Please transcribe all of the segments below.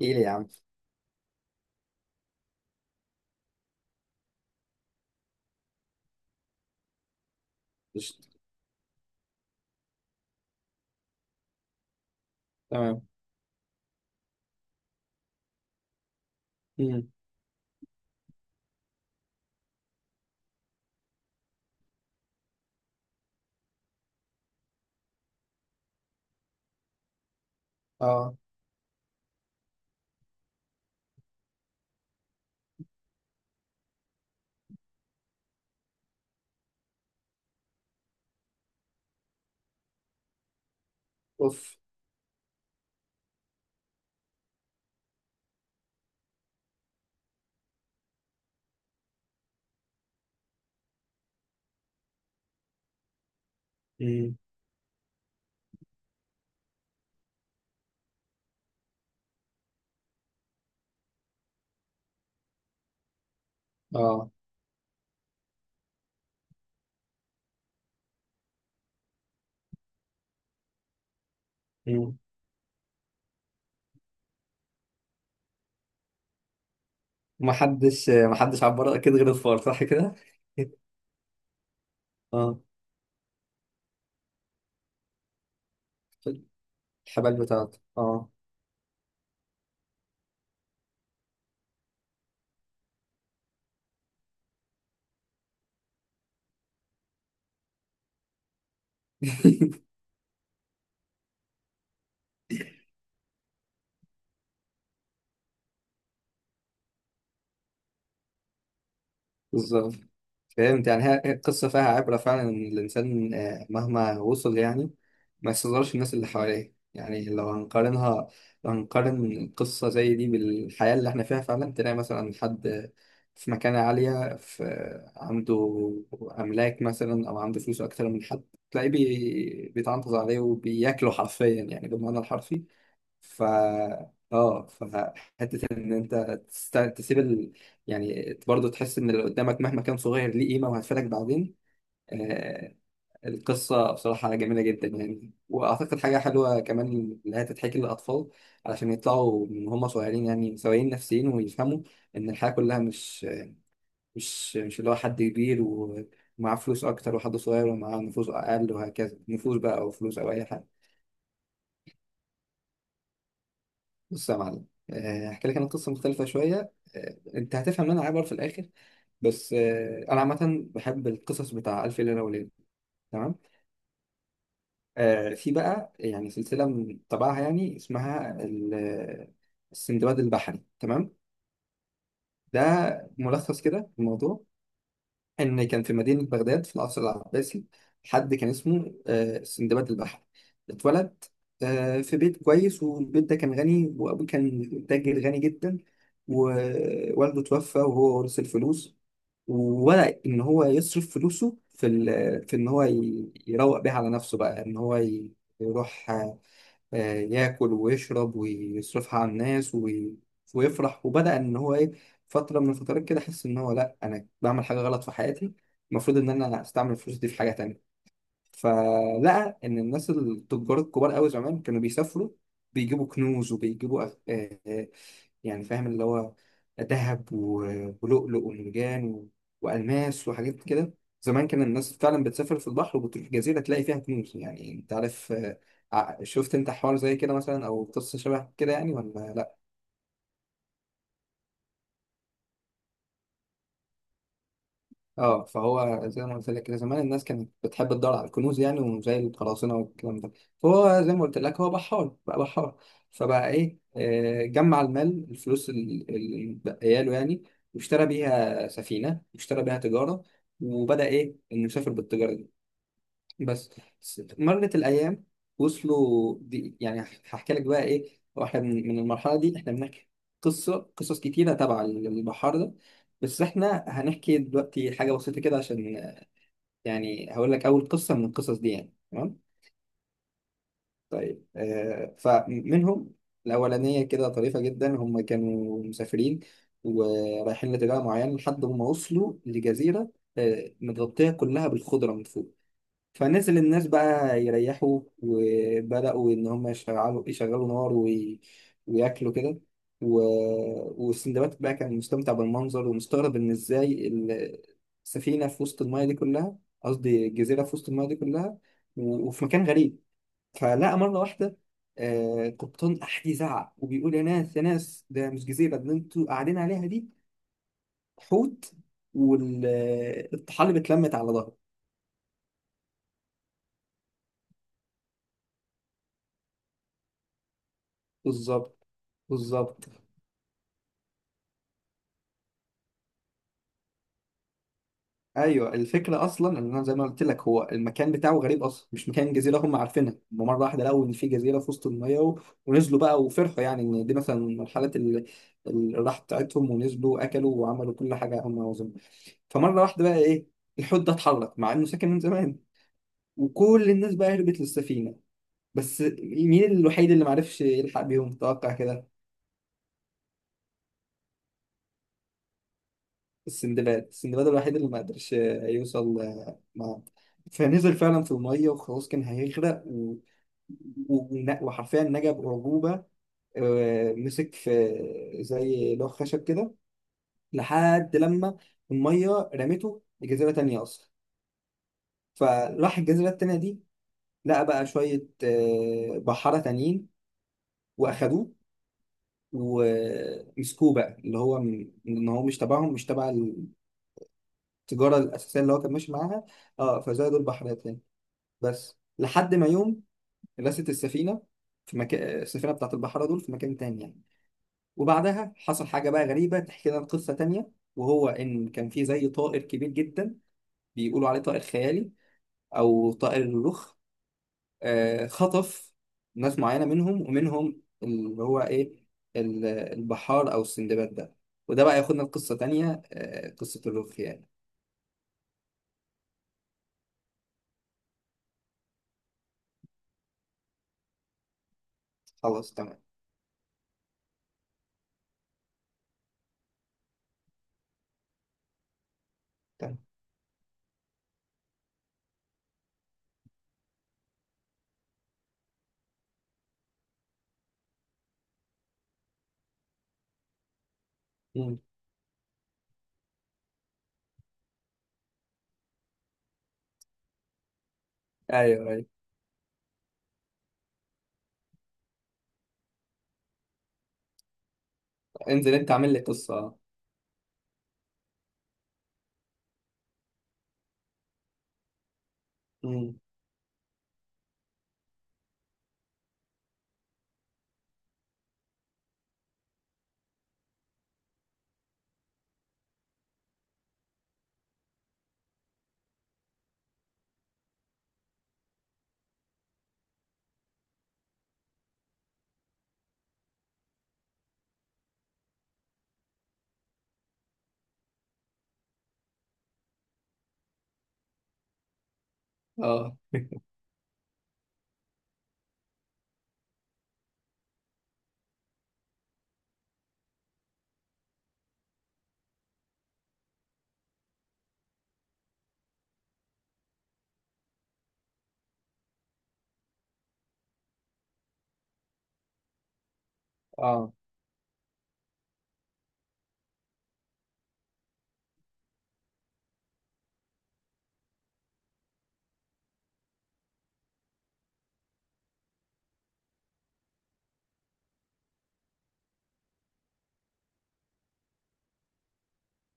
ايه ليه يا عم؟ قشطة. تمام. امم. اه. اوف. امم. اه. امم. محدش عبر اكيد غير الفار، صح كده؟ اه. الحبال بتاعته، اه. بالظبط. فهمت، يعني هي القصة فيها عبرة فعلا، إن الإنسان مهما وصل يعني ما يستظهرش الناس اللي حواليه. يعني لو هنقارنها، لو هنقارن قصة زي دي بالحياة اللي إحنا فيها، فعلا تلاقي مثلا حد في مكانة عالية، عنده أملاك مثلا أو عنده فلوس أكتر من حد، تلاقيه بيتعنتز عليه وبياكله حرفيا، يعني بالمعنى الحرفي. ف اه فحته ان انت تسيب يعني برضه تحس ان اللي قدامك مهما كان صغير ليه قيمه وهتفيدك بعدين. آه... القصه بصراحه جميله جدا يعني، واعتقد حاجه حلوه كمان اللي هي تتحكي للاطفال، علشان يطلعوا من هم صغيرين يعني سويين نفسيين ويفهموا ان الحياه كلها مش اللي هو حد كبير ومعاه فلوس اكتر وحد صغير ومعاه نفوس اقل وهكذا، نفوس بقى او فلوس او اي حاجه. بص يا معلم، هحكي لك انا قصه مختلفه شويه. انت هتفهم ان انا عبر في الاخر. بس انا عامه بحب القصص بتاع الف ليله وليله. تمام. في بقى يعني سلسله من طبعها، يعني اسمها السندباد البحري. تمام. ده ملخص كده الموضوع. ان كان في مدينه بغداد في العصر العباسي حد كان اسمه سندباد البحر. اتولد في بيت كويس، والبيت ده كان غني وابوه كان تاجر غني جدا، ووالده توفى وهو ورث الفلوس. وبدأ ان هو يصرف فلوسه في ان هو يروق بيها على نفسه، بقى ان هو يروح ياكل ويشرب ويصرفها على الناس ويفرح. وبدأ إن هو إيه، فترة من الفترات كده أحس إن هو لأ، أنا بعمل حاجة غلط في حياتي، المفروض إن أنا أستعمل الفلوس دي في حاجة تانية. فلقى ان الناس التجار الكبار قوي زمان كانوا بيسافروا بيجيبوا كنوز وبيجيبوا يعني فاهم اللي هو ذهب ولؤلؤ ومرجان والماس وحاجات كده. زمان كان الناس فعلا بتسافر في البحر وبتروح جزيره تلاقي فيها كنوز، يعني انت عارف. شفت انت حوار زي كده مثلا او قصه شبه كده يعني، ولا لا؟ اه، فهو زي ما قلت لك كده، زمان الناس كانت بتحب تدور على الكنوز يعني، وزي القراصنه والكلام ده. فهو زي ما قلت لك، هو بحار بقى، بحار. فبقى ايه، جمع المال، الفلوس اللي متبقيه له يعني، واشترى بيها سفينه واشترى بيها تجاره. وبدأ ايه، انه يسافر بالتجاره دي. بس مرت الايام، وصلوا دي. يعني هحكي لك بقى ايه، واحنا من المرحله دي احنا بنحكي قصه، قصص كتيره تبع البحار ده. بس احنا هنحكي دلوقتي حاجه بسيطه كده، عشان يعني هقول لك اول قصه من القصص دي يعني. تمام. طيب، فمنهم الاولانيه كده طريفه جدا. هم كانوا مسافرين ورايحين لاتجاه معين، لحد ما وصلوا لجزيره متغطيه كلها بالخضره من فوق. فنزل الناس بقى يريحوا، وبدأوا إن هم يشغلوا نار وياكلوا كده و... والسندباد بقى كان مستمتع بالمنظر، ومستغرب إن إزاي السفينة في وسط الماية دي كلها، قصدي الجزيرة في وسط الماية دي كلها وفي مكان غريب. فلقى مرة واحدة قبطان أحد يزعق وبيقول يا ناس يا ناس، ده مش جزيرة، ده اللي أنتوا قاعدين عليها دي حوت، والطحالب اتلمت على ظهره. بالظبط، بالظبط. ايوه، الفكره اصلا ان انا زي ما قلت لك، هو المكان بتاعه غريب اصلا مش مكان جزيره هم عارفينها هم، مره واحده لقوا ان في جزيره في وسط الميه، ونزلوا بقى وفرحوا يعني، ان دي مثلا من الحالات اللي الراحه بتاعتهم، ونزلوا واكلوا وعملوا كل حاجه هم عاوزينها. فمره واحده بقى ايه، الحوت ده اتحرك مع انه ساكن من زمان، وكل الناس بقى هربت للسفينه. بس مين الوحيد اللي معرفش يلحق بيهم، تتوقع كده؟ السندباد، السندباد الوحيد اللي ما قدرش يوصل. مع فنزل فعلا في المية وخلاص كان هيغرق وحرفيا نجا بأعجوبة. مسك في زي لوح خشب كده، لحد لما المية رمته لجزيرة تانية أصلا. فراح الجزيرة التانية دي، لقى بقى شوية بحارة تانيين وأخدوه ومسكوه، بقى اللي هو إن هو مش تبعهم، مش تبع التجارة الأساسية اللي هو كان ماشي معاها. اه، فزادوا البحر تاني، بس لحد ما يوم رست السفينة في مكان، السفينة بتاعت البحارة دول في مكان تاني يعني. وبعدها حصل حاجة بقى غريبة تحكي لنا قصة تانية، وهو إن كان في زي طائر كبير جدا بيقولوا عليه طائر خيالي، أو طائر الرخ، خطف ناس معينة منهم، ومنهم اللي هو إيه، البحار أو السندباد ده. وده بقى ياخدنا لقصة تانية، قصة الرخ يعني. خلاص، تمام. تمام. مم. أيوه، أيوه. انزل أنت، عامل لي قصة. أه. مم. أه. آه.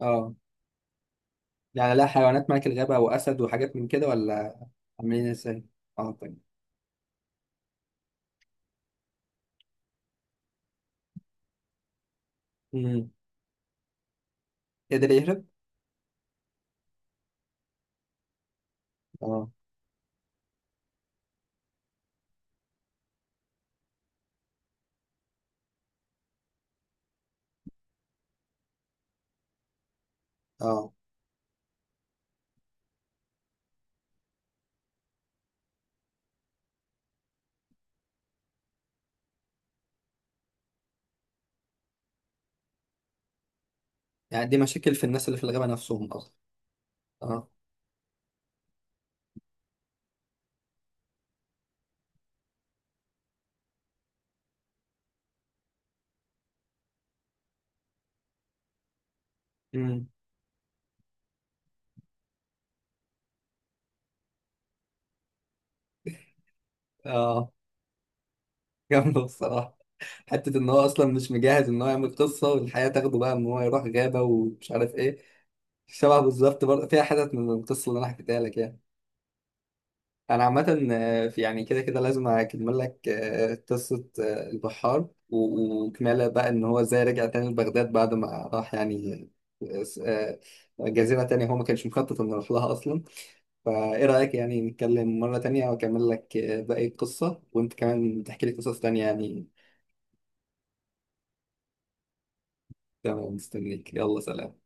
اه. يعني لا حيوانات ملك الغابة وأسد وحاجات من كده، ولا عاملين ازاي؟ اه، طيب. امم. يقدر يهرب؟ اه، اه. يعني دي مشاكل في الناس اللي في الغابة نفسهم أصلا. اه. امم. اه جامدة بصراحة. حتة إن هو أصلا مش مجهز إن هو يعمل قصة، والحياة تاخده بقى إن هو يروح غابة ومش عارف إيه. شبه بالظبط، برضه فيها حتت من القصة اللي أنا حكيتها لك يعني. انا عامه في يعني كده كده لازم اكمل لك قصه البحار وكماله، بقى ان هو ازاي رجع تاني لبغداد بعد ما راح يعني آه، جزيره تانية هو ما كانش مخطط انه يروح لها اصلا. فايه رايك، يعني نتكلم مره تانية واكمل لك باقي القصه، وانت كمان تحكي لي قصص تانية يعني. تمام، مستنيك، يلا سلام.